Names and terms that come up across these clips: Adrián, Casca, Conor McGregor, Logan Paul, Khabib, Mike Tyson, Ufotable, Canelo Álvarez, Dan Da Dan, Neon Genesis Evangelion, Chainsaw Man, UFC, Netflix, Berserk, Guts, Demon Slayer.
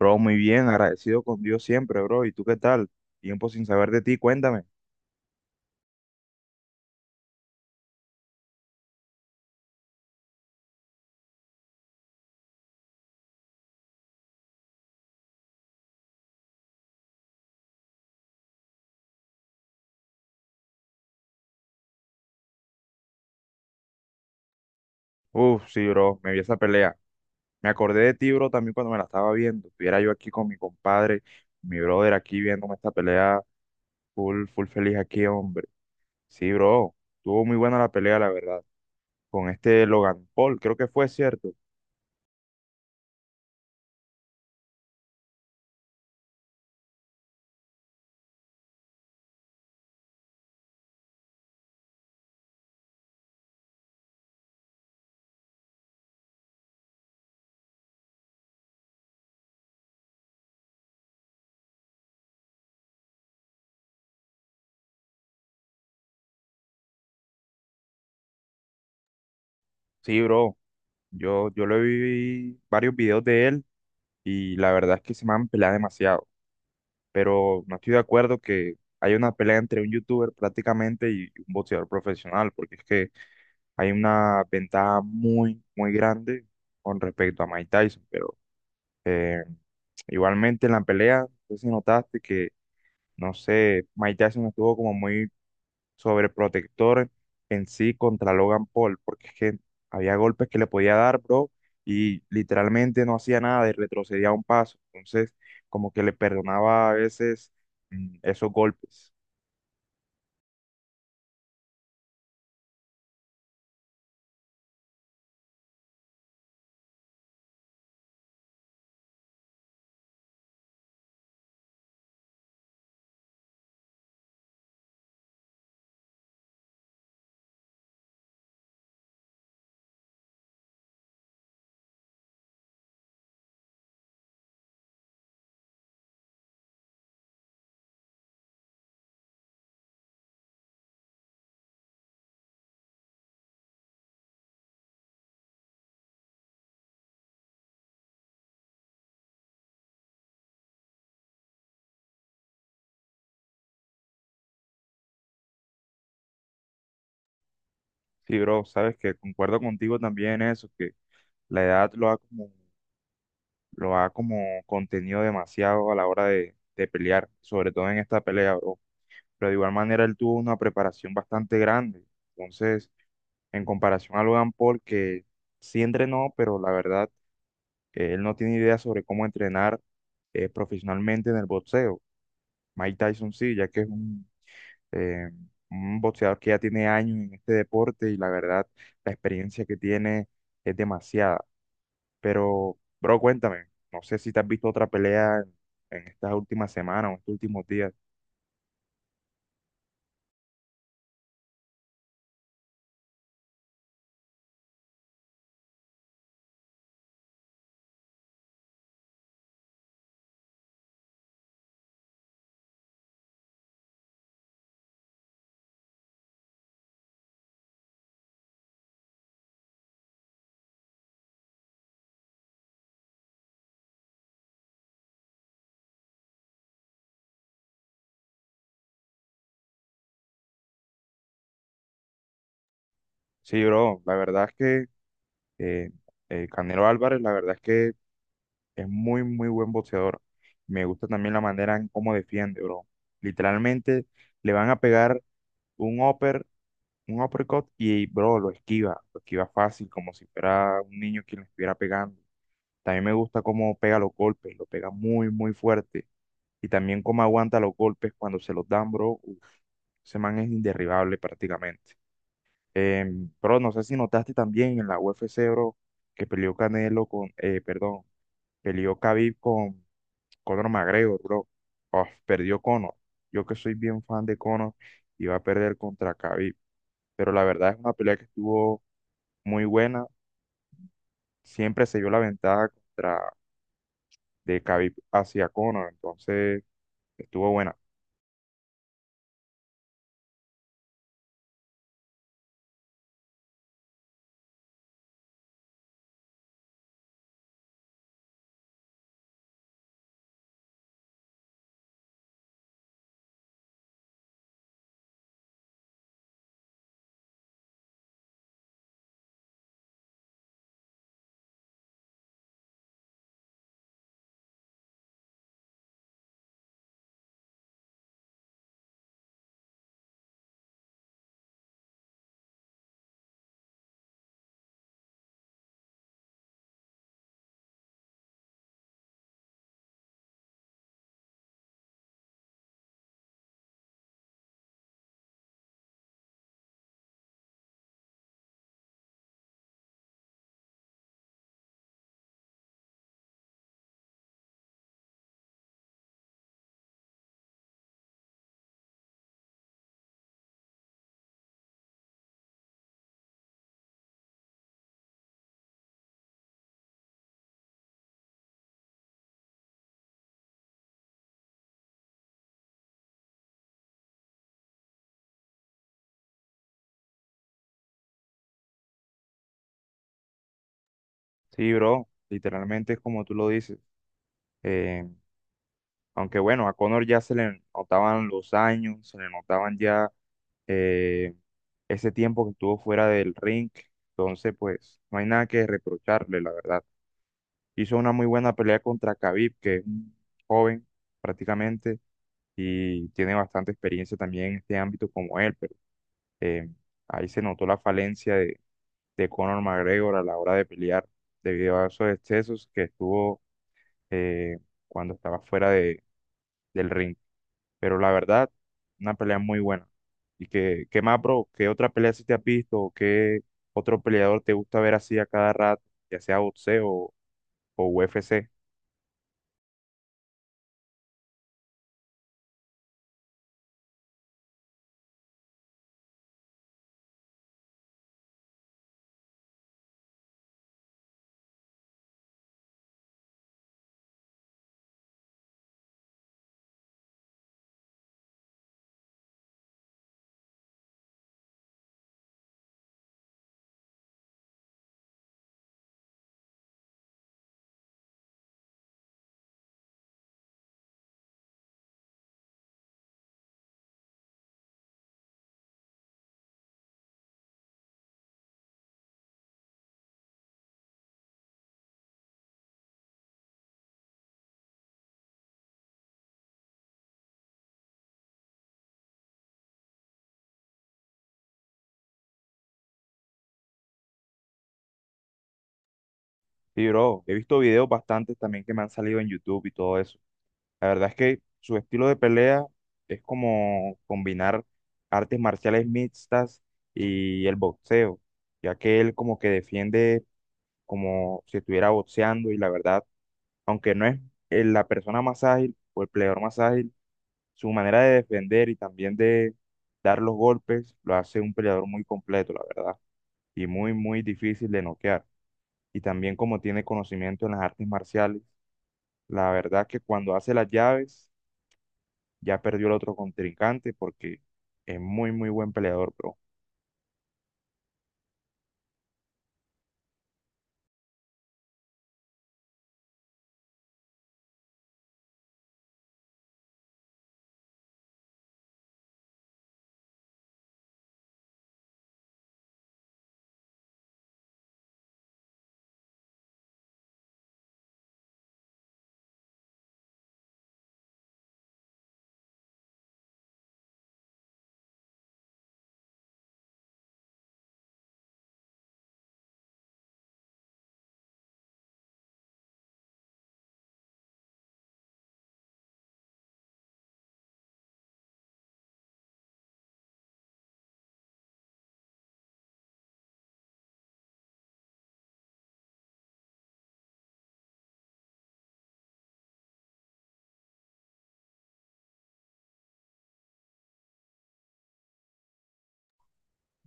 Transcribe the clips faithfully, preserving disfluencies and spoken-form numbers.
Bro, muy bien, agradecido con Dios siempre, bro. ¿Y tú qué tal? Tiempo sin saber de ti, cuéntame. Uf, sí, bro, me vi esa pelea. Me acordé de ti, bro, también cuando me la estaba viendo. Estuviera yo aquí con mi compadre, mi brother aquí viéndome esta pelea, full, full feliz aquí, hombre. Sí, bro, tuvo muy buena la pelea, la verdad. Con este Logan Paul, creo que fue cierto. Sí, bro, yo, yo le vi varios videos de él y la verdad es que se me han peleado demasiado, pero no estoy de acuerdo que haya una pelea entre un youtuber prácticamente y un boxeador profesional, porque es que hay una ventaja muy, muy grande con respecto a Mike Tyson, pero eh, igualmente en la pelea, no sé si notaste que, no sé, Mike Tyson estuvo como muy sobreprotector en sí contra Logan Paul, porque es que había golpes que le podía dar, bro, y literalmente no hacía nada y retrocedía un paso. Entonces, como que le perdonaba a veces mm, esos golpes. Sí, bro, sabes que concuerdo contigo también en eso, que la edad lo ha como, lo ha como contenido demasiado a la hora de, de pelear, sobre todo en esta pelea, bro. Pero de igual manera él tuvo una preparación bastante grande. Entonces, en comparación a Logan Paul, que sí entrenó, pero la verdad, eh, él no tiene idea sobre cómo entrenar eh, profesionalmente en el boxeo. Mike Tyson sí, ya que es un, eh, un boxeador que ya tiene años en este deporte y la verdad, la experiencia que tiene es demasiada. Pero, bro, cuéntame, no sé si te has visto otra pelea en, en estas últimas semanas o estos últimos días. Sí, bro, la verdad es que eh, eh, Canelo Álvarez, la verdad es que es muy, muy buen boxeador. Me gusta también la manera en cómo defiende, bro. Literalmente le van a pegar un upper, un uppercut y, bro, lo esquiva. Lo esquiva fácil, como si fuera un niño quien le estuviera pegando. También me gusta cómo pega los golpes, lo pega muy, muy fuerte. Y también cómo aguanta los golpes cuando se los dan, bro. Uf, ese man es inderribable prácticamente. Em, bro, no sé si notaste también en la U F C, bro, que peleó Canelo con, eh, perdón, peleó Khabib con Conor McGregor, bro. Oh, perdió Conor. Yo que soy bien fan de Conor, iba a perder contra Khabib. Pero la verdad es una pelea que estuvo muy buena. Siempre se vio la ventaja contra de Khabib hacia Conor. Entonces, estuvo buena. Sí, bro. Literalmente es como tú lo dices. Eh, Aunque bueno, a Conor ya se le notaban los años, se le notaban ya eh, ese tiempo que estuvo fuera del ring. Entonces, pues, no hay nada que reprocharle, la verdad. Hizo una muy buena pelea contra Khabib, que es un joven prácticamente y tiene bastante experiencia también en este ámbito como él, pero eh, ahí se notó la falencia de, de Conor McGregor a la hora de pelear debido a esos excesos que estuvo eh, cuando estaba fuera de, del ring. Pero la verdad, una pelea muy buena. ¿Y qué qué más, bro? ¿Qué otra pelea si te has visto? ¿O qué otro peleador te gusta ver así a cada rato, ya sea boxeo o o U F C? Y bro, he visto videos bastantes también que me han salido en YouTube y todo eso. La verdad es que su estilo de pelea es como combinar artes marciales mixtas y el boxeo, ya que él como que defiende como si estuviera boxeando y la verdad, aunque no es eh, la persona más ágil o el peleador más ágil, su manera de defender y también de dar los golpes lo hace un peleador muy completo, la verdad, y muy, muy difícil de noquear. Y también como tiene conocimiento en las artes marciales, la verdad que cuando hace las llaves, ya perdió el otro contrincante porque es muy, muy buen peleador, bro.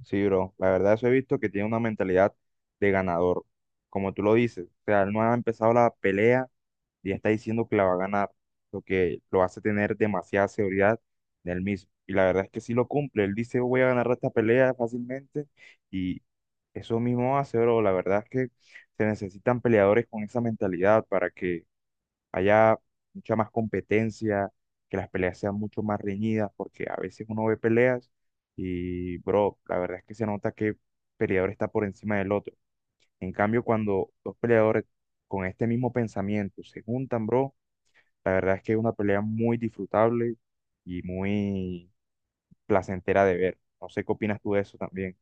Sí, bro. La verdad, eso he visto que tiene una mentalidad de ganador. Como tú lo dices, o sea, él no ha empezado la pelea y ya está diciendo que la va a ganar, lo que lo hace tener demasiada seguridad en él mismo. Y la verdad es que sí lo cumple. Él dice, voy a ganar esta pelea fácilmente y eso mismo hace, bro. La verdad es que se necesitan peleadores con esa mentalidad para que haya mucha más competencia, que las peleas sean mucho más reñidas, porque a veces uno ve peleas y, bro, la verdad es que se nota que peleador está por encima del otro. En cambio, cuando dos peleadores con este mismo pensamiento se juntan, bro, la verdad es que es una pelea muy disfrutable y muy placentera de ver. No sé qué opinas tú de eso también.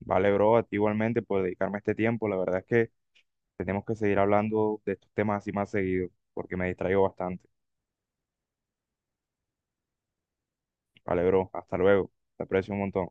Vale, bro, a ti igualmente por dedicarme este tiempo. La verdad es que tenemos que seguir hablando de estos temas así más seguido, porque me distraigo bastante. Vale, bro, hasta luego. Te aprecio un montón.